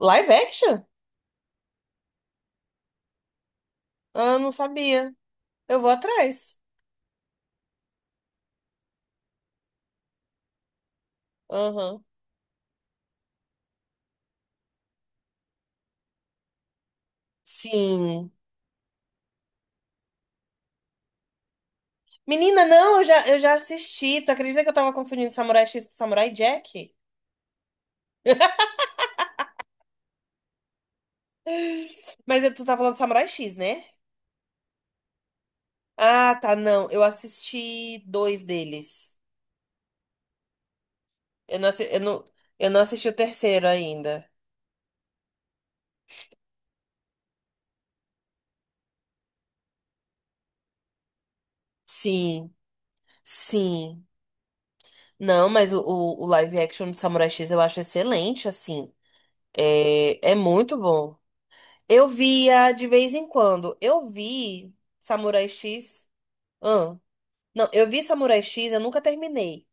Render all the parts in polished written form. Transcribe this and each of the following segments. Live action? Ah, não sabia. Eu vou atrás. Aham. Sim. Menina, não, eu já assisti. Tu acredita que eu tava confundindo Samurai X com Samurai Jack? Mas tu tá falando Samurai X, né? Ah, tá, não. Eu assisti dois deles. Eu não, assi- eu não, eu não assisti o terceiro ainda. Sim, sim. Não, mas o live action de Samurai X eu acho excelente, assim. É, é muito bom. Eu via de vez em quando. Eu vi Samurai X. Ahn. Não, eu vi Samurai X, eu nunca terminei.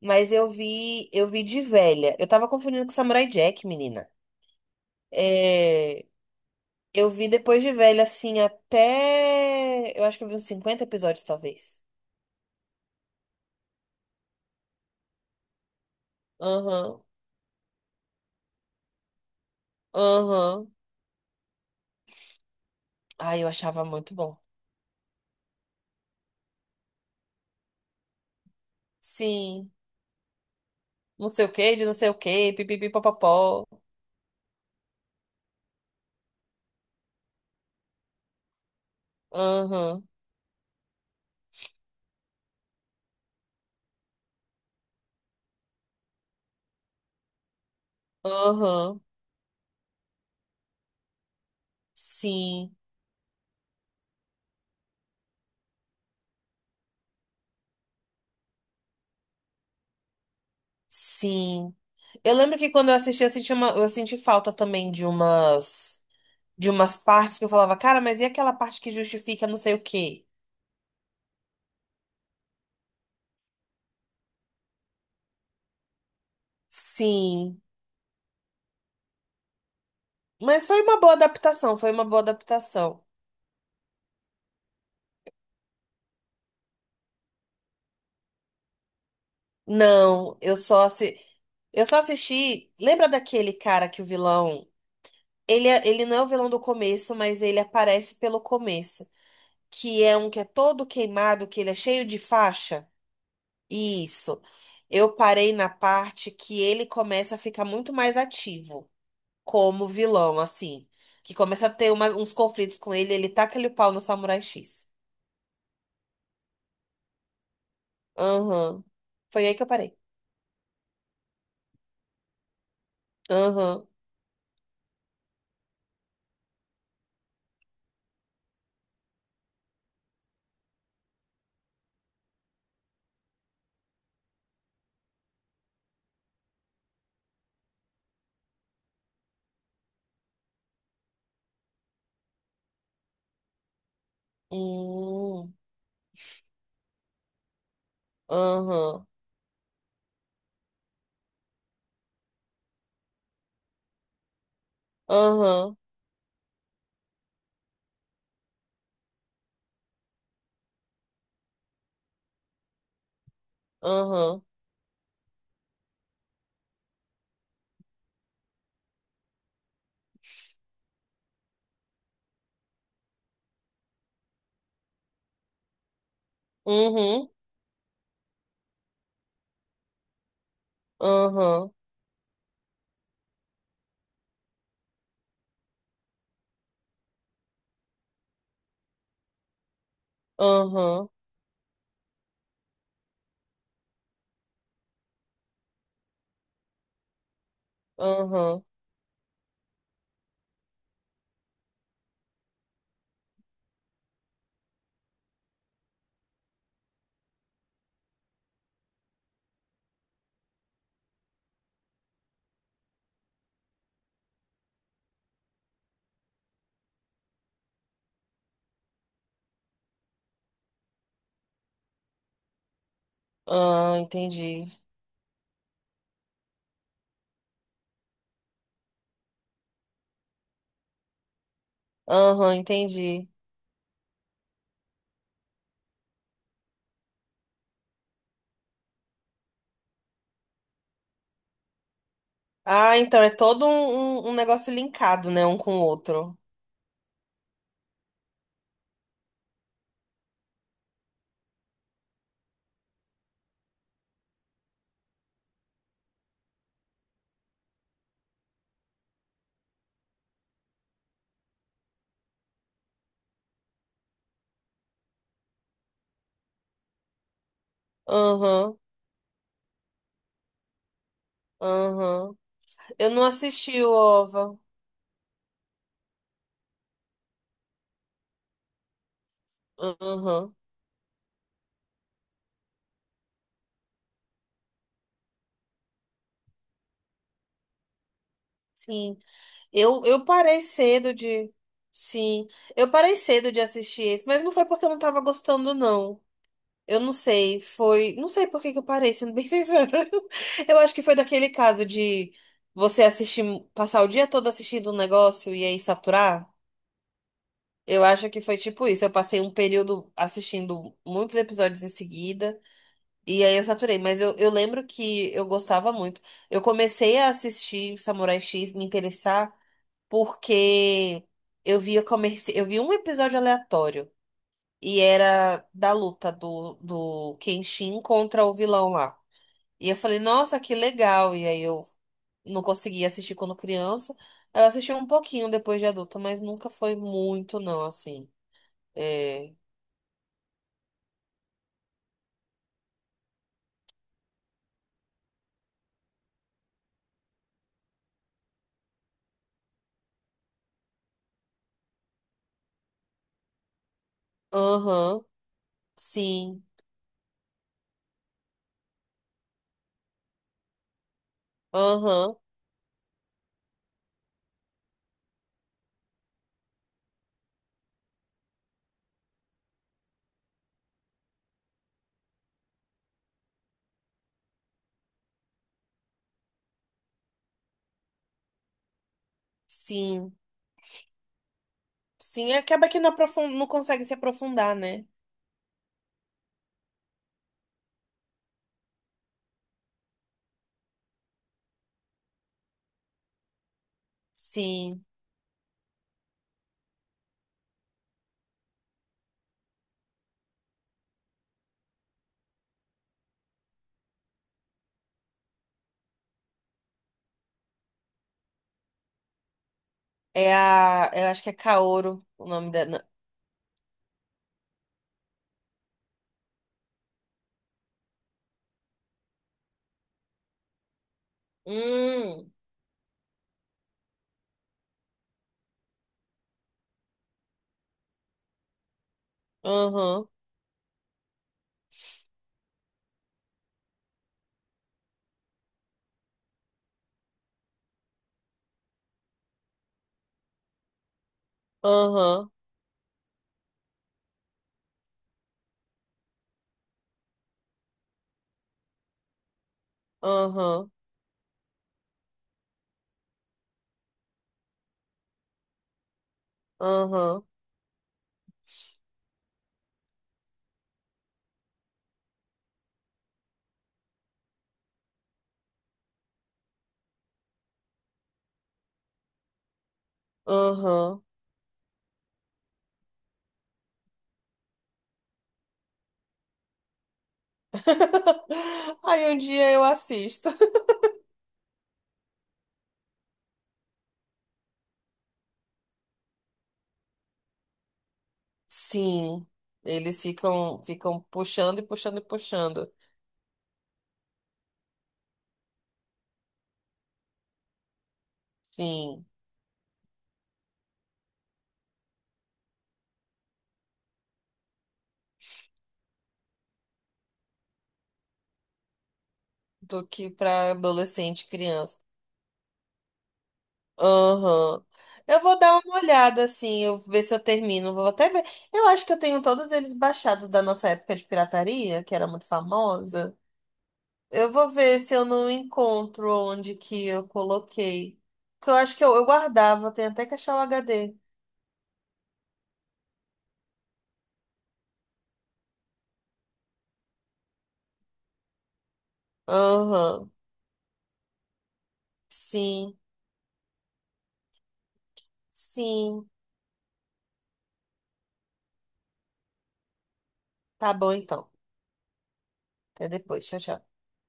Mas eu vi de velha. Eu tava confundindo com Samurai Jack, menina. É, eu vi depois de velha, assim, até. Eu acho que eu vi uns 50 episódios, talvez. Aham, aham. Ai, eu achava muito bom. Sim. Não sei o que, de não sei o que, pipipi, popopó. Aham, aham. Sim. Sim. Eu lembro que quando eu assisti, eu senti falta também de umas partes que eu falava, cara, mas e aquela parte que justifica não sei o quê? Sim. Mas foi uma boa adaptação, foi uma boa adaptação. Não, eu só assisti. Lembra daquele cara que o vilão. Ele não é o vilão do começo, mas ele aparece pelo começo. Que é um que é todo queimado, que ele é cheio de faixa. Isso. Eu parei na parte que ele começa a ficar muito mais ativo como vilão, assim. Que começa a ter uns conflitos com ele, ele taca ele o pau no Samurai X. Aham. Foi aí que eu parei. Aham. Hum. Aham. Aham. Aham. Uhum. Aham. Aham. Aham. Ah, entendi. Aham, entendi. Ah, então é todo um, um negócio linkado, né? Um com o outro. Aham. Aham. Eu não assisti o OVA. Aham. Sim. Eu parei cedo de. Sim. Eu parei cedo de assistir esse, mas não foi porque eu não tava gostando, não. Eu não sei. Foi. Não sei por que que eu parei, sendo bem sincera. Eu acho que foi daquele caso de você assistir, passar o dia todo assistindo um negócio e aí saturar. Eu acho que foi tipo isso. Eu passei um período assistindo muitos episódios em seguida. E aí eu saturei, mas eu lembro que eu gostava muito. Eu comecei a assistir Samurai X, me interessar, porque eu vi um episódio aleatório. E era da luta do Kenshin contra o vilão lá. E eu falei, nossa, que legal. E aí eu não conseguia assistir quando criança. Eu assisti um pouquinho depois de adulta, mas nunca foi muito, não, assim. É. Aham, sim. Aham, sim. Sim, acaba que não, não consegue se aprofundar, né? Sim. É a. Eu acho que é Kaoru o nome dela. Hum. Aham. Aham. Aham. Aham. Aham. Aí um dia eu assisto. Sim. Eles ficam, ficam puxando e puxando e puxando. Sim. Do que pra adolescente, criança. Aham. Eu vou dar uma olhada, assim, eu ver se eu termino. Vou até ver. Eu acho que eu tenho todos eles baixados da nossa época de pirataria, que era muito famosa. Eu vou ver se eu não encontro onde que eu coloquei. Porque eu acho que eu guardava, eu tenho até que achar o HD. Aham. Sim, sim. Tá bom, então. Até depois. Tchau, tchau.